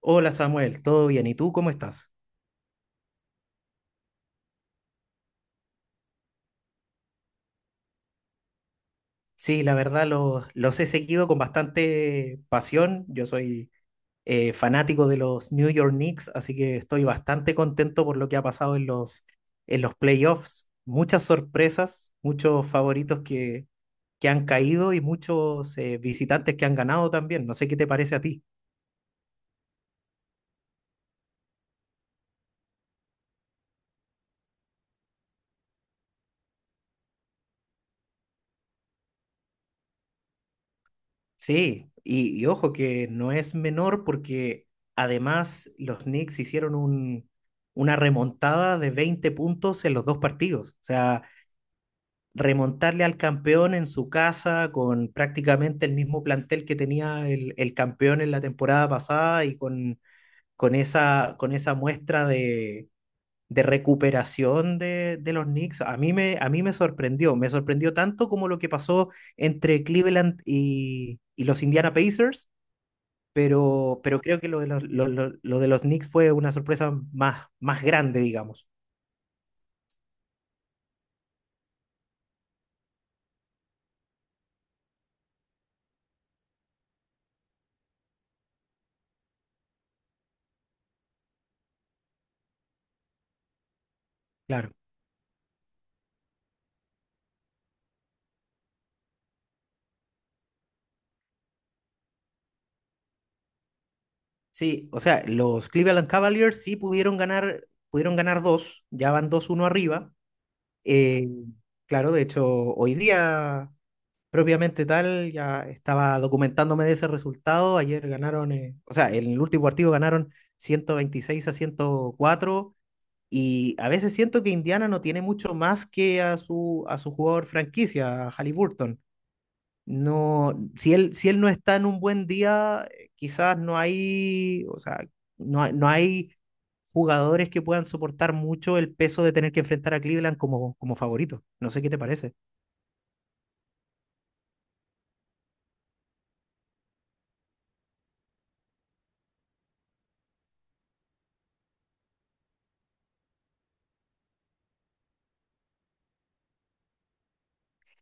Hola Samuel, ¿todo bien? ¿Y tú cómo estás? Sí, la verdad los he seguido con bastante pasión. Yo soy fanático de los New York Knicks, así que estoy bastante contento por lo que ha pasado en los playoffs. Muchas sorpresas, muchos que han caído y muchos visitantes que han ganado también. No sé qué te parece a ti. Sí, y ojo que no es menor porque además los Knicks una remontada de 20 puntos en los dos partidos. O sea, remontarle al campeón en su casa con prácticamente el mismo plantel que tenía el campeón en la temporada pasada y con con esa muestra de recuperación de los Knicks, a mí me sorprendió. Me sorprendió tanto como lo que pasó entre Cleveland y los Indiana Pacers pero creo que lo de lo de los Knicks fue una sorpresa más grande, digamos. Claro. Sí, o sea, los Cleveland Cavaliers sí pudieron ganar dos, ya van dos uno arriba. Eh, claro, de hecho, hoy día, propiamente tal, ya estaba documentándome de ese resultado. Ayer ganaron, o sea, en el último partido ganaron 126 a 104. Y a veces siento que Indiana no tiene mucho más que a a su jugador franquicia, a Haliburton. No, si él no está en un buen día, quizás no hay, o sea, no hay jugadores que puedan soportar mucho el peso de tener que enfrentar a Cleveland como favorito. No sé qué te parece.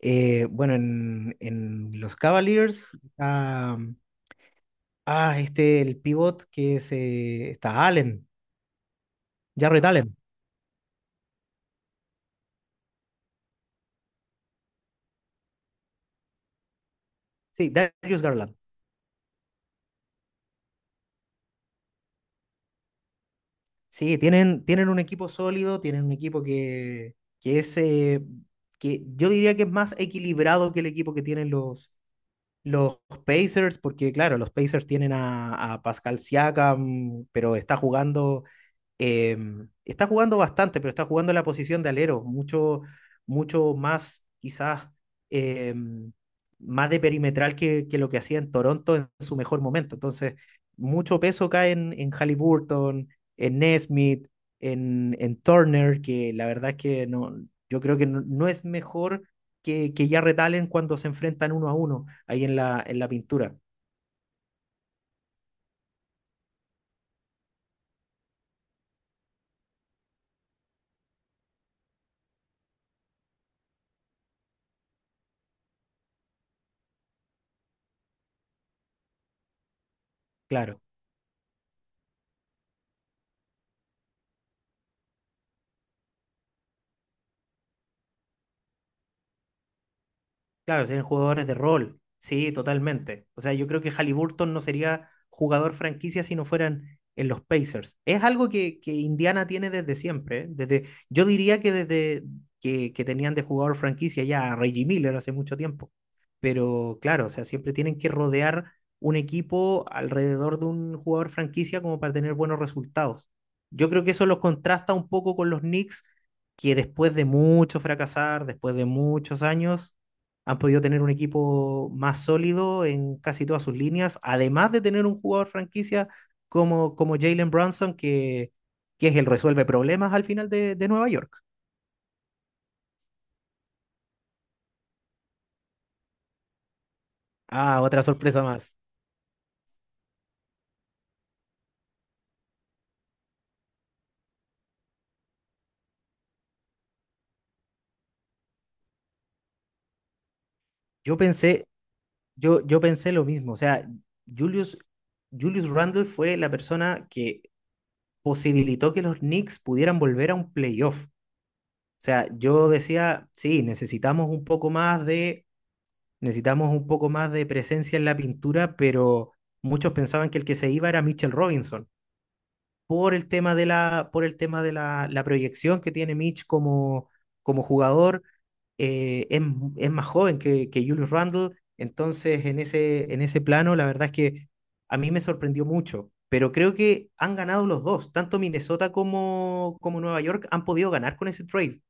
Bueno, en los Cavaliers, este, el pivot que se está Allen, Jarrett Allen. Sí, Darius Garland. Sí, tienen un equipo sólido, tienen un equipo que yo diría que es más equilibrado que el equipo que tienen los Pacers, porque claro, los Pacers tienen a Pascal Siakam, pero está eh, está jugando bastante, pero está jugando en la posición de alero, mucho, mucho más quizás eh, más de perimetral lo que hacía en Toronto en su mejor momento. Entonces, mucho peso cae en Halliburton, en Nesmith, en Turner, que la verdad es que no, yo creo que no, no es mejor que ya retalen cuando se enfrentan uno a uno ahí en en la pintura, claro. Claro, serían jugadores de rol. Sí, totalmente. O sea, yo creo que Halliburton no sería jugador franquicia si no fueran en los Pacers. Es algo que Indiana tiene desde siempre. ¿Eh? Desde, yo diría que desde que tenían de jugador franquicia ya a Reggie Miller hace mucho tiempo. Pero claro, o sea, siempre tienen que rodear un equipo alrededor de un jugador franquicia como para tener buenos resultados. Yo creo que eso los contrasta un poco con los Knicks, que después de mucho fracasar, después de muchos años han podido tener un equipo más sólido en casi todas sus líneas, además de tener un jugador franquicia como Jalen Brunson, que es el resuelve problemas al final de Nueva York. Ah, otra sorpresa más. Yo pensé, yo pensé lo mismo, o sea, Julius, Julius Randle fue la persona que posibilitó que los Knicks pudieran volver a un playoff. O sea, yo decía, sí, necesitamos un poco más de necesitamos un poco más de presencia en la pintura, pero muchos pensaban que el que se iba era Mitchell Robinson, por el tema por el tema de la proyección que tiene Mitch como jugador. Eh, es, es más joven que Julius Randle, entonces en ese plano la verdad es que a mí me sorprendió mucho, pero creo que han ganado los dos, tanto Minnesota como Nueva York han podido ganar con ese trade.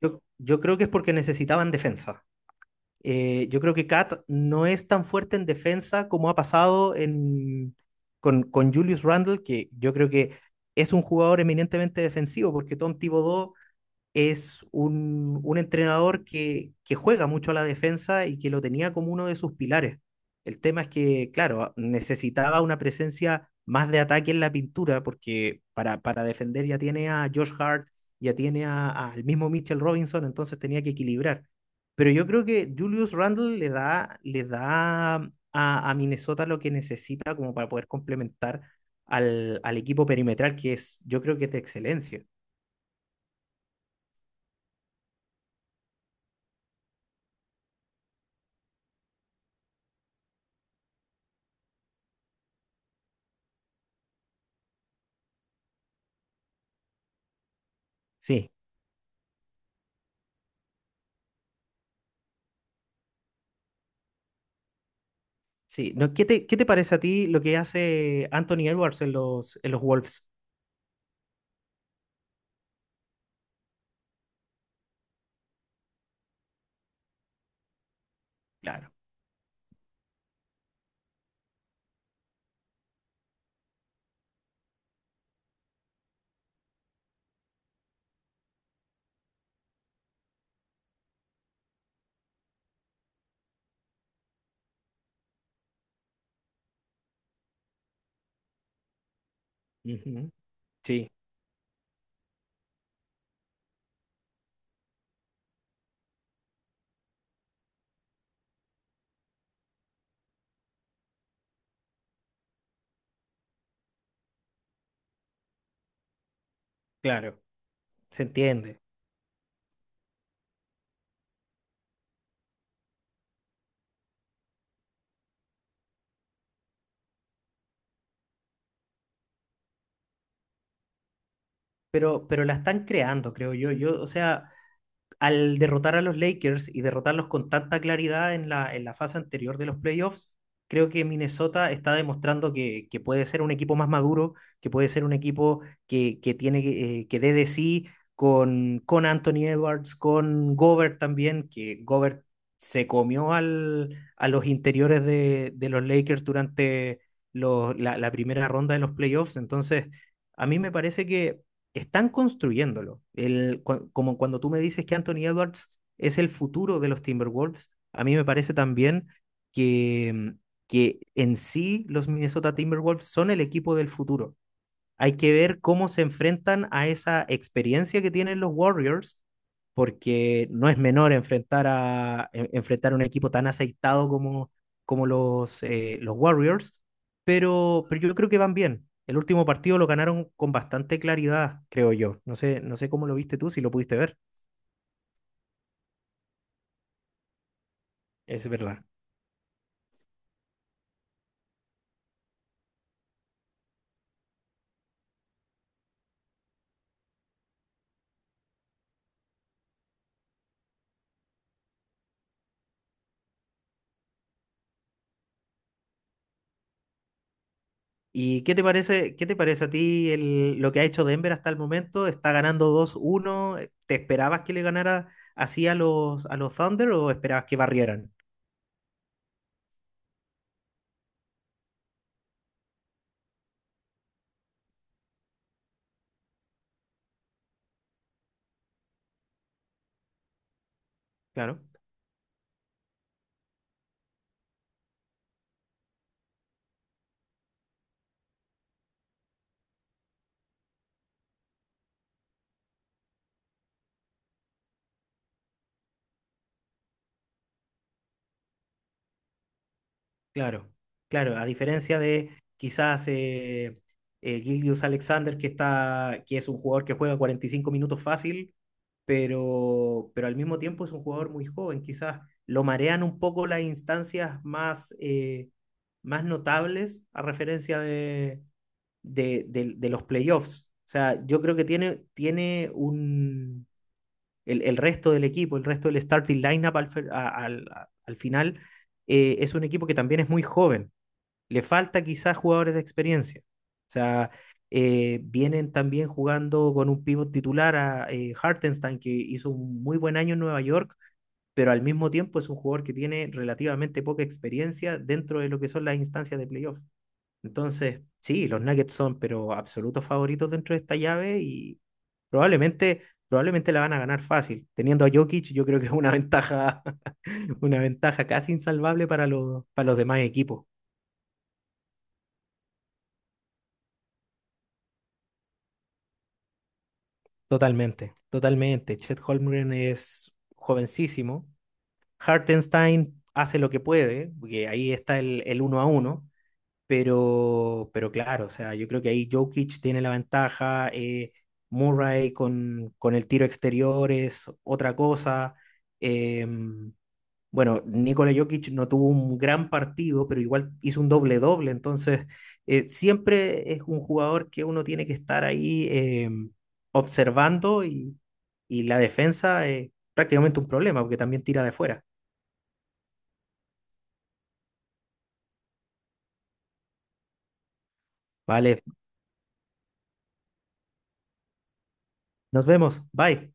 Yo creo que es porque necesitaban defensa. Yo creo que Kat no es tan fuerte en defensa como ha pasado en, con Julius Randle, que yo creo que es un jugador eminentemente defensivo, porque Tom Thibodeau es un entrenador que juega mucho a la defensa y que lo tenía como uno de sus pilares. El tema es que, claro, necesitaba una presencia más de ataque en la pintura, porque para defender ya tiene a Josh Hart, ya tiene al mismo Mitchell Robinson, entonces tenía que equilibrar. Pero yo creo que Julius Randle le da a Minnesota lo que necesita como para poder complementar al equipo perimetral, que es, yo creo que es de excelencia. Sí. Sí, no, ¿qué te parece a ti lo que hace Anthony Edwards en en los Wolves? Claro. Ujú. Sí, claro, se entiende. Pero la están creando, creo yo. Yo, o sea, al derrotar a los Lakers y derrotarlos con tanta claridad en en la fase anterior de los playoffs, creo que Minnesota está demostrando puede ser un equipo más maduro, que puede ser un equipo que tiene que dé de sí con Anthony Edwards, con Gobert también, que Gobert se comió a los interiores de los Lakers durante la primera ronda de los playoffs. Entonces, a mí me parece que están construyéndolo. Como cuando tú me dices que Anthony Edwards es el futuro de los Timberwolves, a mí me parece también que, que en sí los Minnesota Timberwolves son el equipo del futuro. Hay que ver cómo se enfrentan a esa experiencia que tienen los Warriors, porque no es menor enfrentar enfrentar a un equipo tan aceitado como los Warriors, pero yo creo que van bien. El último partido lo ganaron con bastante claridad, creo yo. No sé cómo lo viste tú, si lo pudiste ver. Es verdad. ¿Y qué te parece a ti lo que ha hecho Denver hasta el momento? ¿Está ganando dos uno? ¿Te esperabas que le ganara así a a los Thunder o esperabas que barrieran? Claro, claro, claro. A diferencia de quizás Gildius Alexander, que está, que es un jugador que juega 45 minutos fácil, pero al mismo tiempo es un jugador muy joven. Quizás lo marean un poco las instancias más notables a referencia de los playoffs. O sea, yo creo que tiene un, el resto del equipo, el resto del starting lineup al final, es un equipo que también es muy joven. Le falta quizás jugadores de experiencia. O sea, vienen también jugando con un pivot titular a Hartenstein, que hizo un muy buen año en Nueva York, pero al mismo tiempo es un jugador que tiene relativamente poca experiencia dentro de lo que son las instancias de playoff. Entonces, sí, los Nuggets son, pero absolutos favoritos dentro de esta llave y probablemente, probablemente la van a ganar fácil. Teniendo a Jokic, yo creo que es una ventaja, una ventaja casi insalvable para para los demás equipos. Totalmente, totalmente. Chet Holmgren es jovencísimo. Hartenstein hace lo que puede, porque ahí está el uno a uno, pero claro, o sea, yo creo que ahí Jokic tiene la ventaja, Murray con el tiro exterior es otra cosa. em, bueno, Nikola Jokic no tuvo un gran partido, pero igual hizo un doble-doble, entonces siempre es un jugador que uno tiene que estar ahí observando y la defensa es prácticamente un problema porque también tira de fuera. Vale, nos vemos, bye.